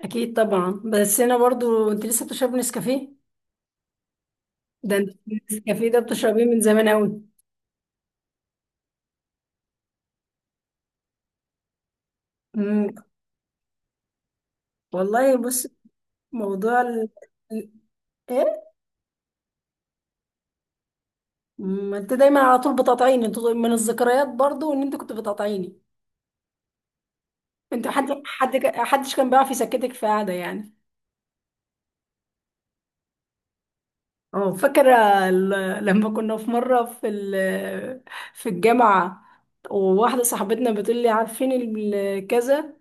اكيد طبعا. بس انا برضو، انت لسه بتشربي نسكافيه؟ ده انت النسكافيه ده بتشربيه من زمان قوي. امم والله بص، موضوع ال... ال- ايه. ما انت دايما على طول بتقاطعيني، انت من الذكريات برضو ان انت كنت بتقاطعيني. انت حد حد حدش كان بيعرف يسكتك في قعده يعني. اه فاكرة. لما كنا في مرة في في الجامعة، وواحدة صاحبتنا بتقول لي عارفين كذا،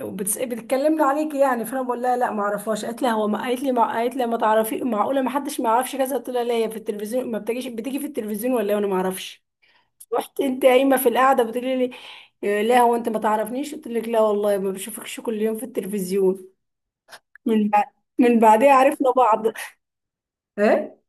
بتكلمني عليك يعني، فانا بقول لها لا ما اعرفهاش. قالت لها هو ما قالت لي ما قالت لي ما تعرفي، معقولة ما حدش ما يعرفش كذا؟ قلت لها لا، هي في التلفزيون ما بتجيش؟ بتيجي في التلفزيون ولا إيه؟ وانا ما اعرفش. رحت انت قايمة في القعدة بتقولي لي إيه، لا هو انت ما تعرفنيش؟ قلت لك لا والله ما بشوفكش كل يوم في التلفزيون. من بعد، من بعدها عرفنا بعض ايه.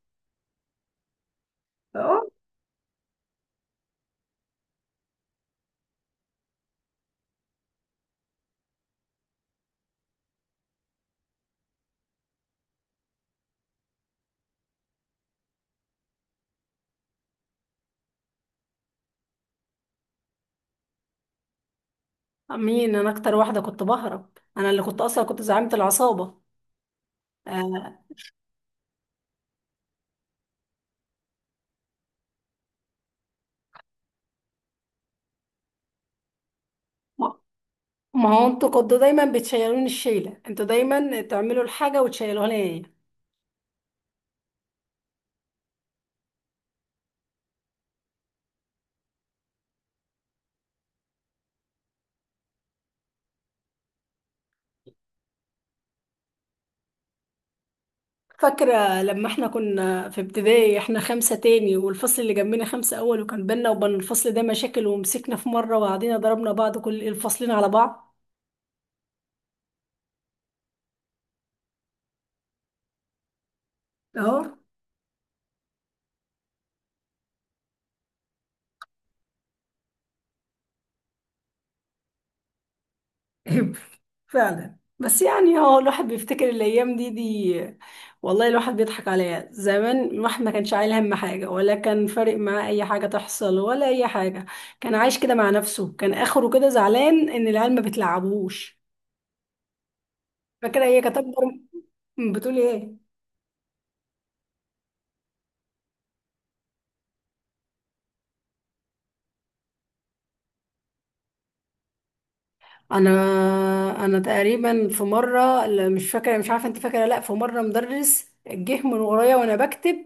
مين؟ انا اكتر واحده كنت بهرب، انا اللي كنت اصلا كنت زعيمه العصابه. آه. ما ما هو انتوا كنتوا دايما بتشيلوني الشيله، انتوا دايما تعملوا الحاجه وتشيلوها لي. فاكره لما احنا كنا في ابتدائي، احنا خمسه تاني والفصل اللي جنبنا خمسه اول، وكان بينا وبين الفصل ده مشاكل، ومسكنا في مره وقعدنا ضربنا بعض، كل الفصلين على بعض. اهو. عيب. فعلا. بس يعني هو الواحد بيفتكر الايام دي والله الواحد بيضحك عليها. زمان الواحد ما كانش عايل هم حاجه، ولا كان فارق معاه اي حاجه تحصل ولا اي حاجه. كان عايش كده مع نفسه، كان اخره كده زعلان ان العيال ما بتلعبوش. فاكره هي كانت اكبر. بتقول ايه؟ انا انا تقريبا في مره، لا، مش فاكره. مش عارفه انت فاكره؟ لا، في مره مدرس جه من ورايا وانا بكتب،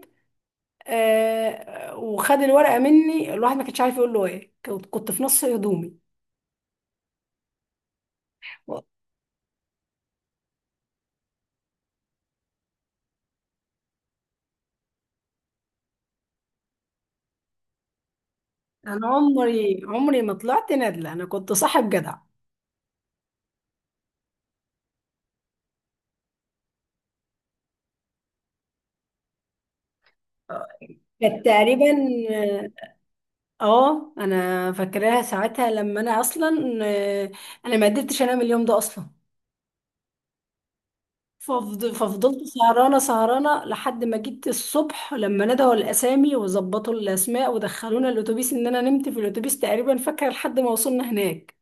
آه، وخد الورقة مني. الواحد ما كانش عارف يقول له ايه، كنت في نص هدومي. انا عمري ما طلعت نادلة، انا كنت صاحب جدع. كانت تقريبا، اه انا فاكراها ساعتها لما انا اصلا آه، انا ما قدرتش انام اليوم ده اصلا. ففضلت سهرانه لحد ما جيت الصبح، لما ندهوا الاسامي وظبطوا الاسماء ودخلونا الاتوبيس، ان انا نمت في الاتوبيس تقريبا فاكره لحد ما وصلنا هناك.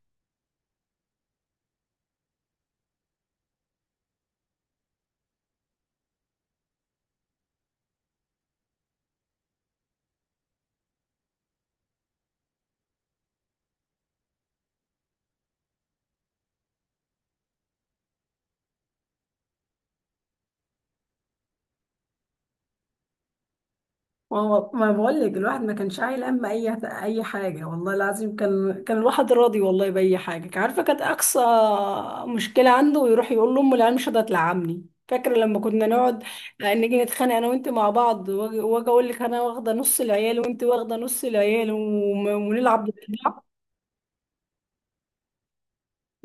ما هو ما بقول لك، الواحد ما كانش عايل هم اي اي حاجه. والله العظيم كان، الواحد راضي والله باي حاجه كان عارفه. كانت اقصى مشكله عنده يروح يقول لامه العيال مش راضيه تلعبني. فاكره لما كنا نقعد آه، نيجي نتخانق انا وانت مع بعض، وأجي اقول لك انا واخده نص العيال وانت واخده نص العيال، ونلعب ضد بعض.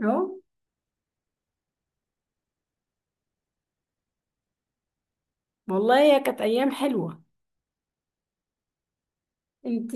اهو. والله هي كانت ايام حلوه. انت،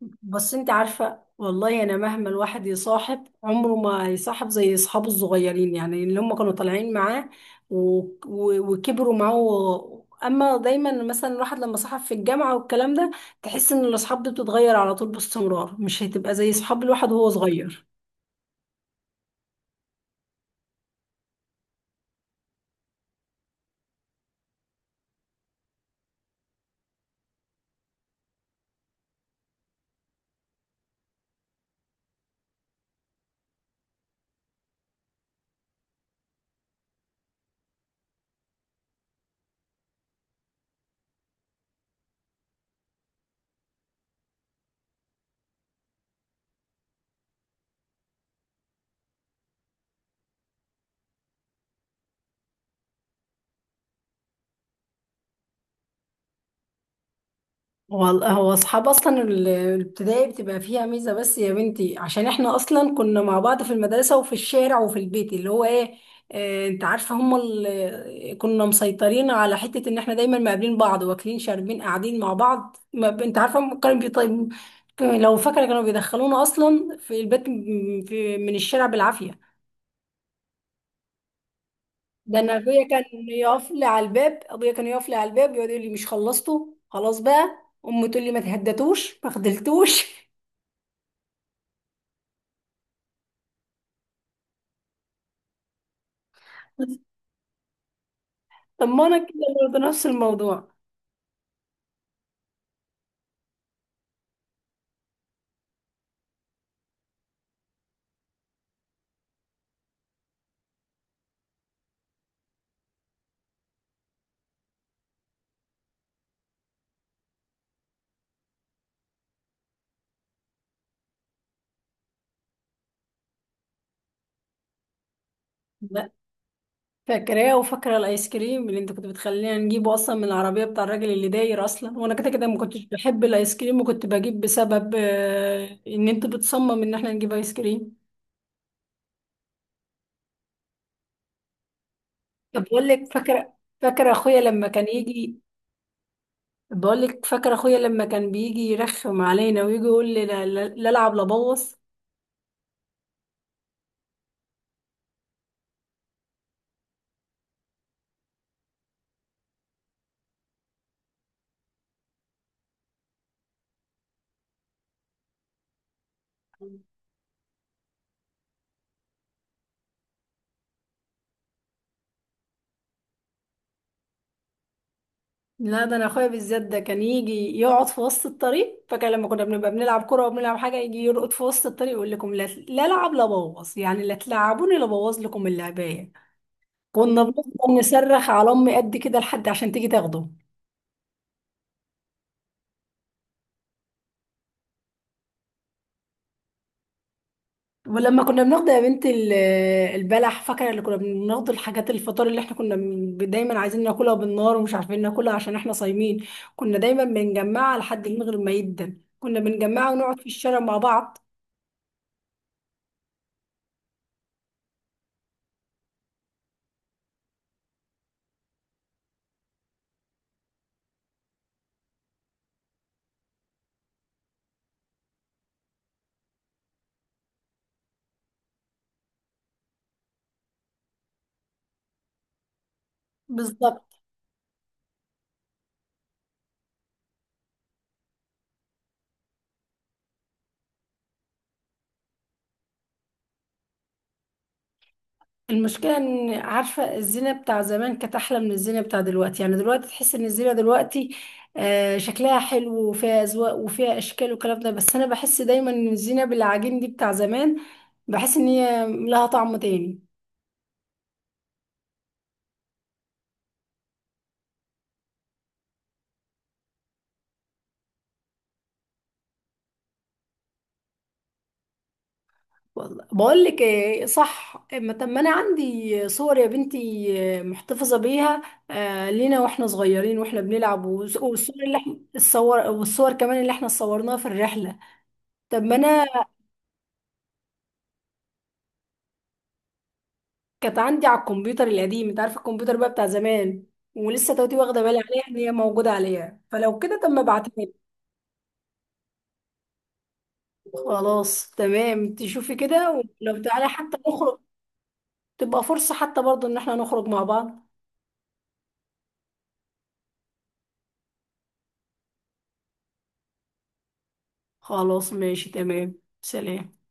بس انت عارفة والله، انا مهما الواحد يصاحب عمره ما يصاحب زي اصحابه الصغيرين، يعني اللي هم كانوا طالعين معاه و... و... وكبروا معاه و... اما دايما مثلا الواحد لما صاحب في الجامعة والكلام ده، تحس ان الاصحاب دي بتتغير على طول باستمرار، مش هتبقى زي اصحاب الواحد وهو صغير. والله هو اصحاب اصلا الابتدائي بتبقى فيها ميزه، بس يا بنتي عشان احنا اصلا كنا مع بعض في المدرسه وفي الشارع وفي البيت، اللي هو ايه، آه، انت عارفه هم كنا مسيطرين على حته ان احنا دايما مقابلين بعض واكلين شاربين قاعدين مع بعض. ما ب- انت عارفه هم كانوا بيطيب لو فاكره كانوا بيدخلونا اصلا في البيت في من الشارع بالعافيه. ده انا ابويا كان يقف لي على الباب، ابويا كان يقف لي على الباب يقعد يقول لي مش خلصتوا خلاص بقى؟ امي تقول لي ما تهدتوش ما خدلتوش طب ما انا كده برضه نفس الموضوع. لا، فاكراه، وفاكره الايس كريم اللي انت كنت بتخلينا نجيبه اصلا من العربيه بتاع الراجل اللي داير اصلا، وانا كده كده ما كنتش بحب الايس كريم، وكنت بجيب بسبب آه، ان انت بتصمم ان احنا نجيب ايس كريم. طب بقول لك، فاكره، فاكره اخويا لما كان يجي، بقول لك فاكره اخويا لما كان بيجي يرخم علينا ويجي يقول لي لا العب لا بوظ. لا، ده انا اخويا بالذات ده كان يجي يقعد في وسط الطريق، فكان لما كنا بنبقى بنلعب كوره وبنلعب حاجه يجي يرقد في وسط الطريق يقول لكم لا لا العب لا بوظ، يعني لا تلعبوني لا بوظ لكم اللعبايه. كنا بنفضل نصرخ على امي قد كده لحد عشان تيجي تاخده. ولما كنا بناخد يا بنت البلح، فاكره اللي كنا بناخد الحاجات الفطار اللي احنا دايما عايزين ناكلها بالنار ومش عارفين ناكلها عشان احنا صايمين؟ كنا دايما بنجمعها لحد من غير ما يدن، كنا بنجمعها ونقعد في الشارع مع بعض. بالظبط. المشكلة ان عارفة الزينة بتاع زمان كانت احلى من الزينة بتاع دلوقتي. يعني دلوقتي تحس ان الزينة دلوقتي آه، شكلها حلو وفيها اذواق وفيها اشكال والكلام ده، بس انا بحس دايما ان الزينة بالعجين دي بتاع زمان، بحس ان هي لها طعم تاني. والله بقول لك ايه صح، ما طب ما انا عندي صور يا بنتي، آه، محتفظة بيها، آه، لينا واحنا صغيرين واحنا بنلعب، والصور اللي احنا الصور، والصور كمان اللي احنا صورناها في الرحلة. طب ما انا كانت عندي على الكمبيوتر القديم، انت عارفه الكمبيوتر بقى بتاع زمان، ولسه توتي واخده بالي عليها ان هي موجوده عليها، فلو كده طب ما ابعتها لي. خلاص تمام، تشوفي كده. ولو تعالى حتى نخرج، تبقى فرصه حتى برضو ان احنا نخرج مع بعض. خلاص ماشي تمام. سلام.